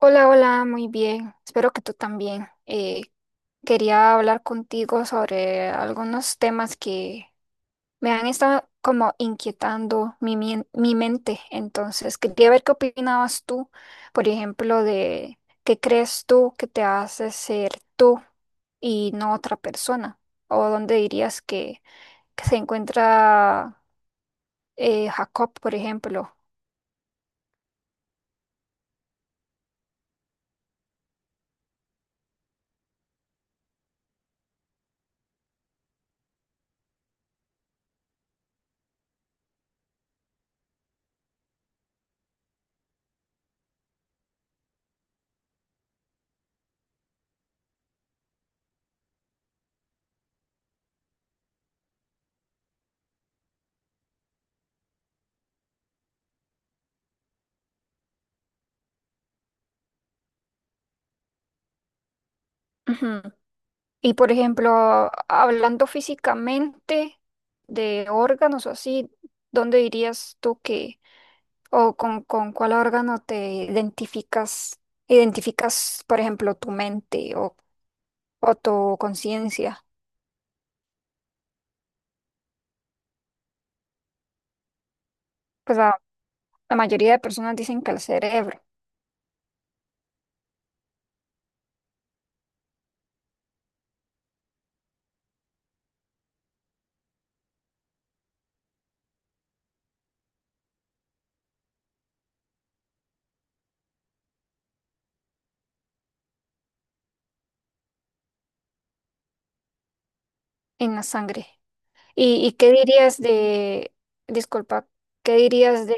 Hola, hola, muy bien. Espero que tú también. Quería hablar contigo sobre algunos temas que me han estado como inquietando mi mente. Entonces, quería ver qué opinabas tú, por ejemplo, de qué crees tú que te hace ser tú y no otra persona, o dónde dirías que se encuentra Jacob, por ejemplo. Ujú. Y por ejemplo, hablando físicamente de órganos o así, ¿dónde dirías tú o con cuál órgano te identificas, por ejemplo, tu mente o tu conciencia? Pues la mayoría de personas dicen que el cerebro. En la sangre. ¿Y qué dirías de, disculpa, qué dirías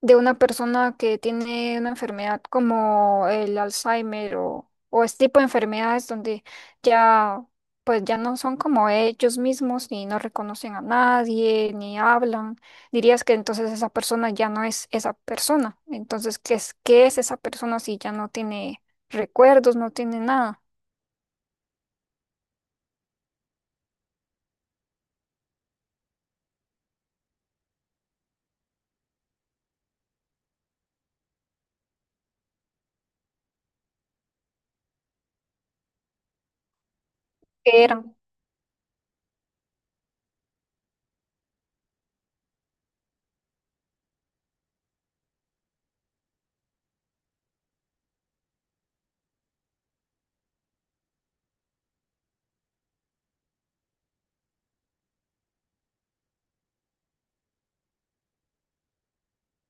de una persona que tiene una enfermedad como el Alzheimer o este tipo de enfermedades donde ya, pues ya no son como ellos mismos ni no reconocen a nadie ni hablan. ¿Dirías que entonces esa persona ya no es esa persona? Entonces, qué es esa persona si ya no tiene recuerdos, no tiene nada? ¿Qué era?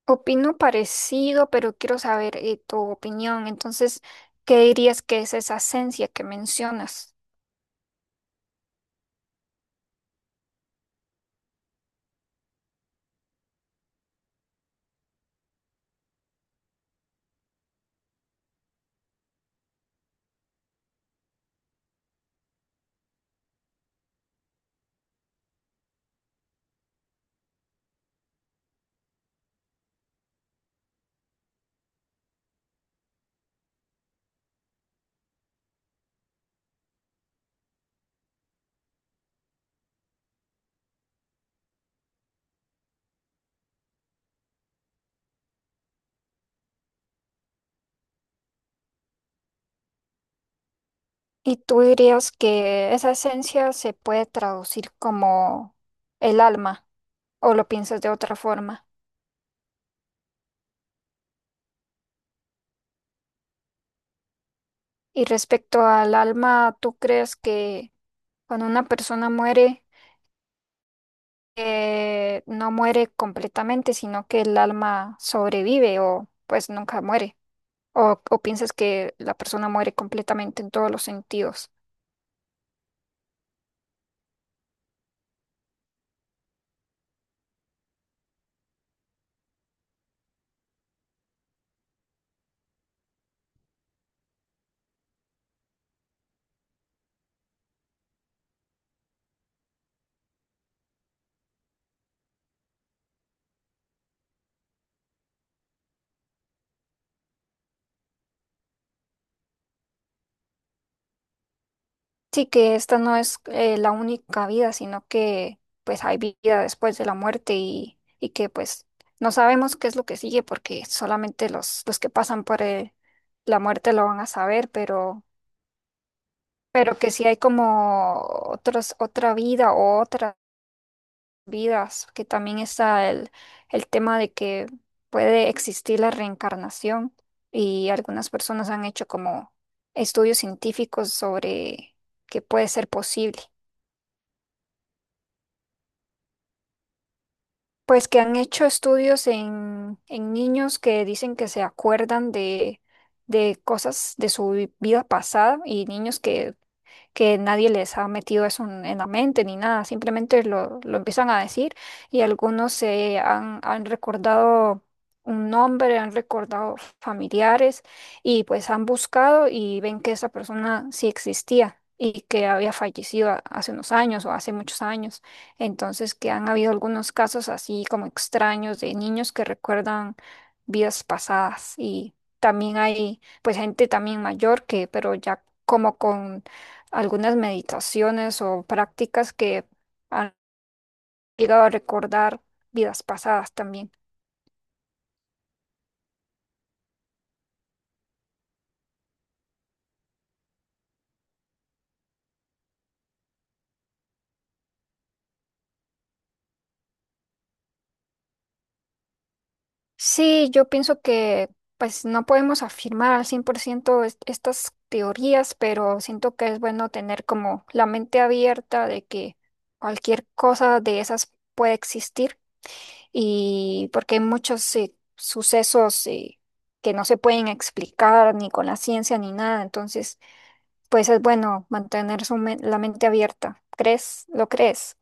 Opino parecido, pero quiero saber tu opinión. Entonces, ¿qué dirías que es esa esencia que mencionas? ¿Y tú dirías que esa esencia se puede traducir como el alma o lo piensas de otra forma? Y respecto al alma, ¿tú crees que cuando una persona muere, no muere completamente, sino que el alma sobrevive o pues nunca muere? ¿O piensas que la persona muere completamente en todos los sentidos? Sí, que esta no es la única vida, sino que pues hay vida después de la muerte y que pues no sabemos qué es lo que sigue porque solamente los que pasan por la muerte lo van a saber, pero que sí hay como otros, otra vida o otras vidas, que también está el tema de que puede existir la reencarnación y algunas personas han hecho como estudios científicos sobre que puede ser posible. Pues que han hecho estudios en niños que dicen que se acuerdan de cosas de su vida pasada y niños que nadie les ha metido eso en la mente ni nada, simplemente lo empiezan a decir y algunos se han recordado un nombre, han recordado familiares y pues han buscado y ven que esa persona sí existía. Y que había fallecido hace unos años o hace muchos años. Entonces, que han habido algunos casos así como extraños de niños que recuerdan vidas pasadas y también hay pues gente también mayor que, pero ya como con algunas meditaciones o prácticas que han llegado a recordar vidas pasadas también. Sí, yo pienso que pues no podemos afirmar al 100% estas teorías, pero siento que es bueno tener como la mente abierta de que cualquier cosa de esas puede existir y porque hay muchos sucesos que no se pueden explicar ni con la ciencia ni nada, entonces pues es bueno mantener su la mente abierta. ¿Crees? ¿Lo crees?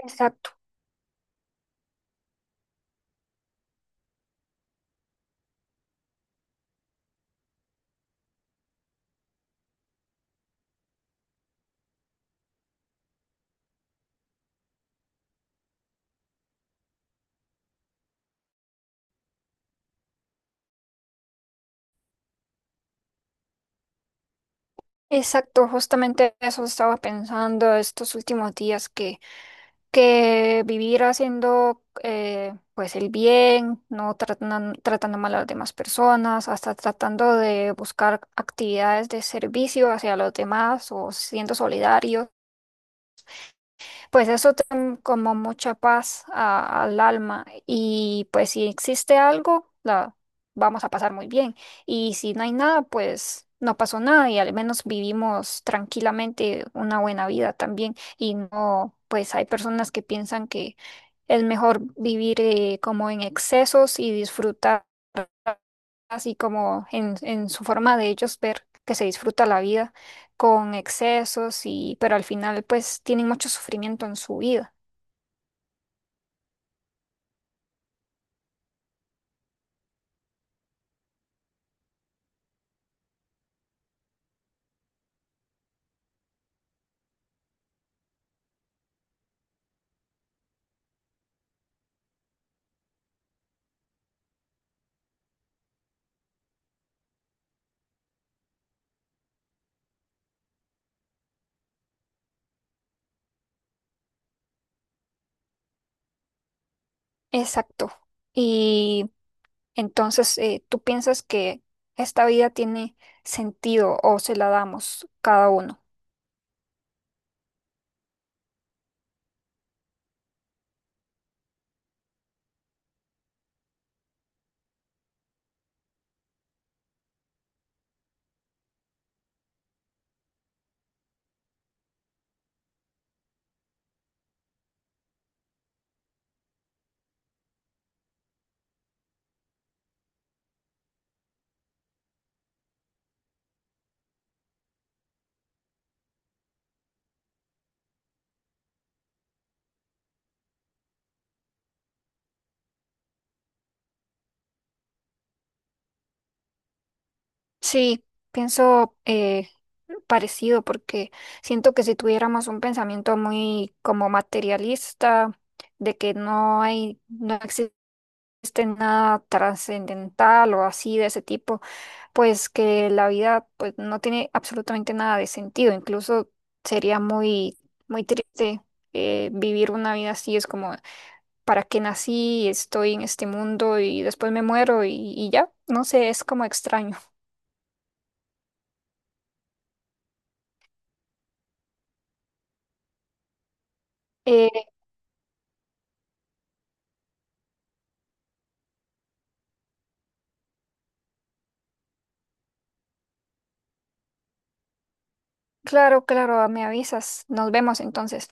Exacto. Exacto, justamente eso estaba pensando estos últimos días que vivir haciendo pues el bien, no tratando mal a las demás personas, hasta tratando de buscar actividades de servicio hacia los demás o siendo solidarios. Pues eso te da como mucha paz al alma y pues si existe algo, la vamos a pasar muy bien y si no hay nada, pues no pasó nada y al menos vivimos tranquilamente una buena vida también y no, pues hay personas que piensan que es mejor vivir como en excesos y disfrutar así como en su forma de ellos ver que se disfruta la vida con excesos y pero al final pues tienen mucho sufrimiento en su vida. Exacto. Y entonces, ¿tú piensas que esta vida tiene sentido o se la damos cada uno? Sí, pienso parecido porque siento que si tuviéramos un pensamiento muy como materialista, de que no hay, no existe nada trascendental o así de ese tipo, pues que la vida pues no tiene absolutamente nada de sentido, incluso sería muy muy triste, vivir una vida así, es como para qué nací, estoy en este mundo y después me muero y ya, no sé, es como extraño. Eh, claro, claro, me avisas, nos vemos entonces.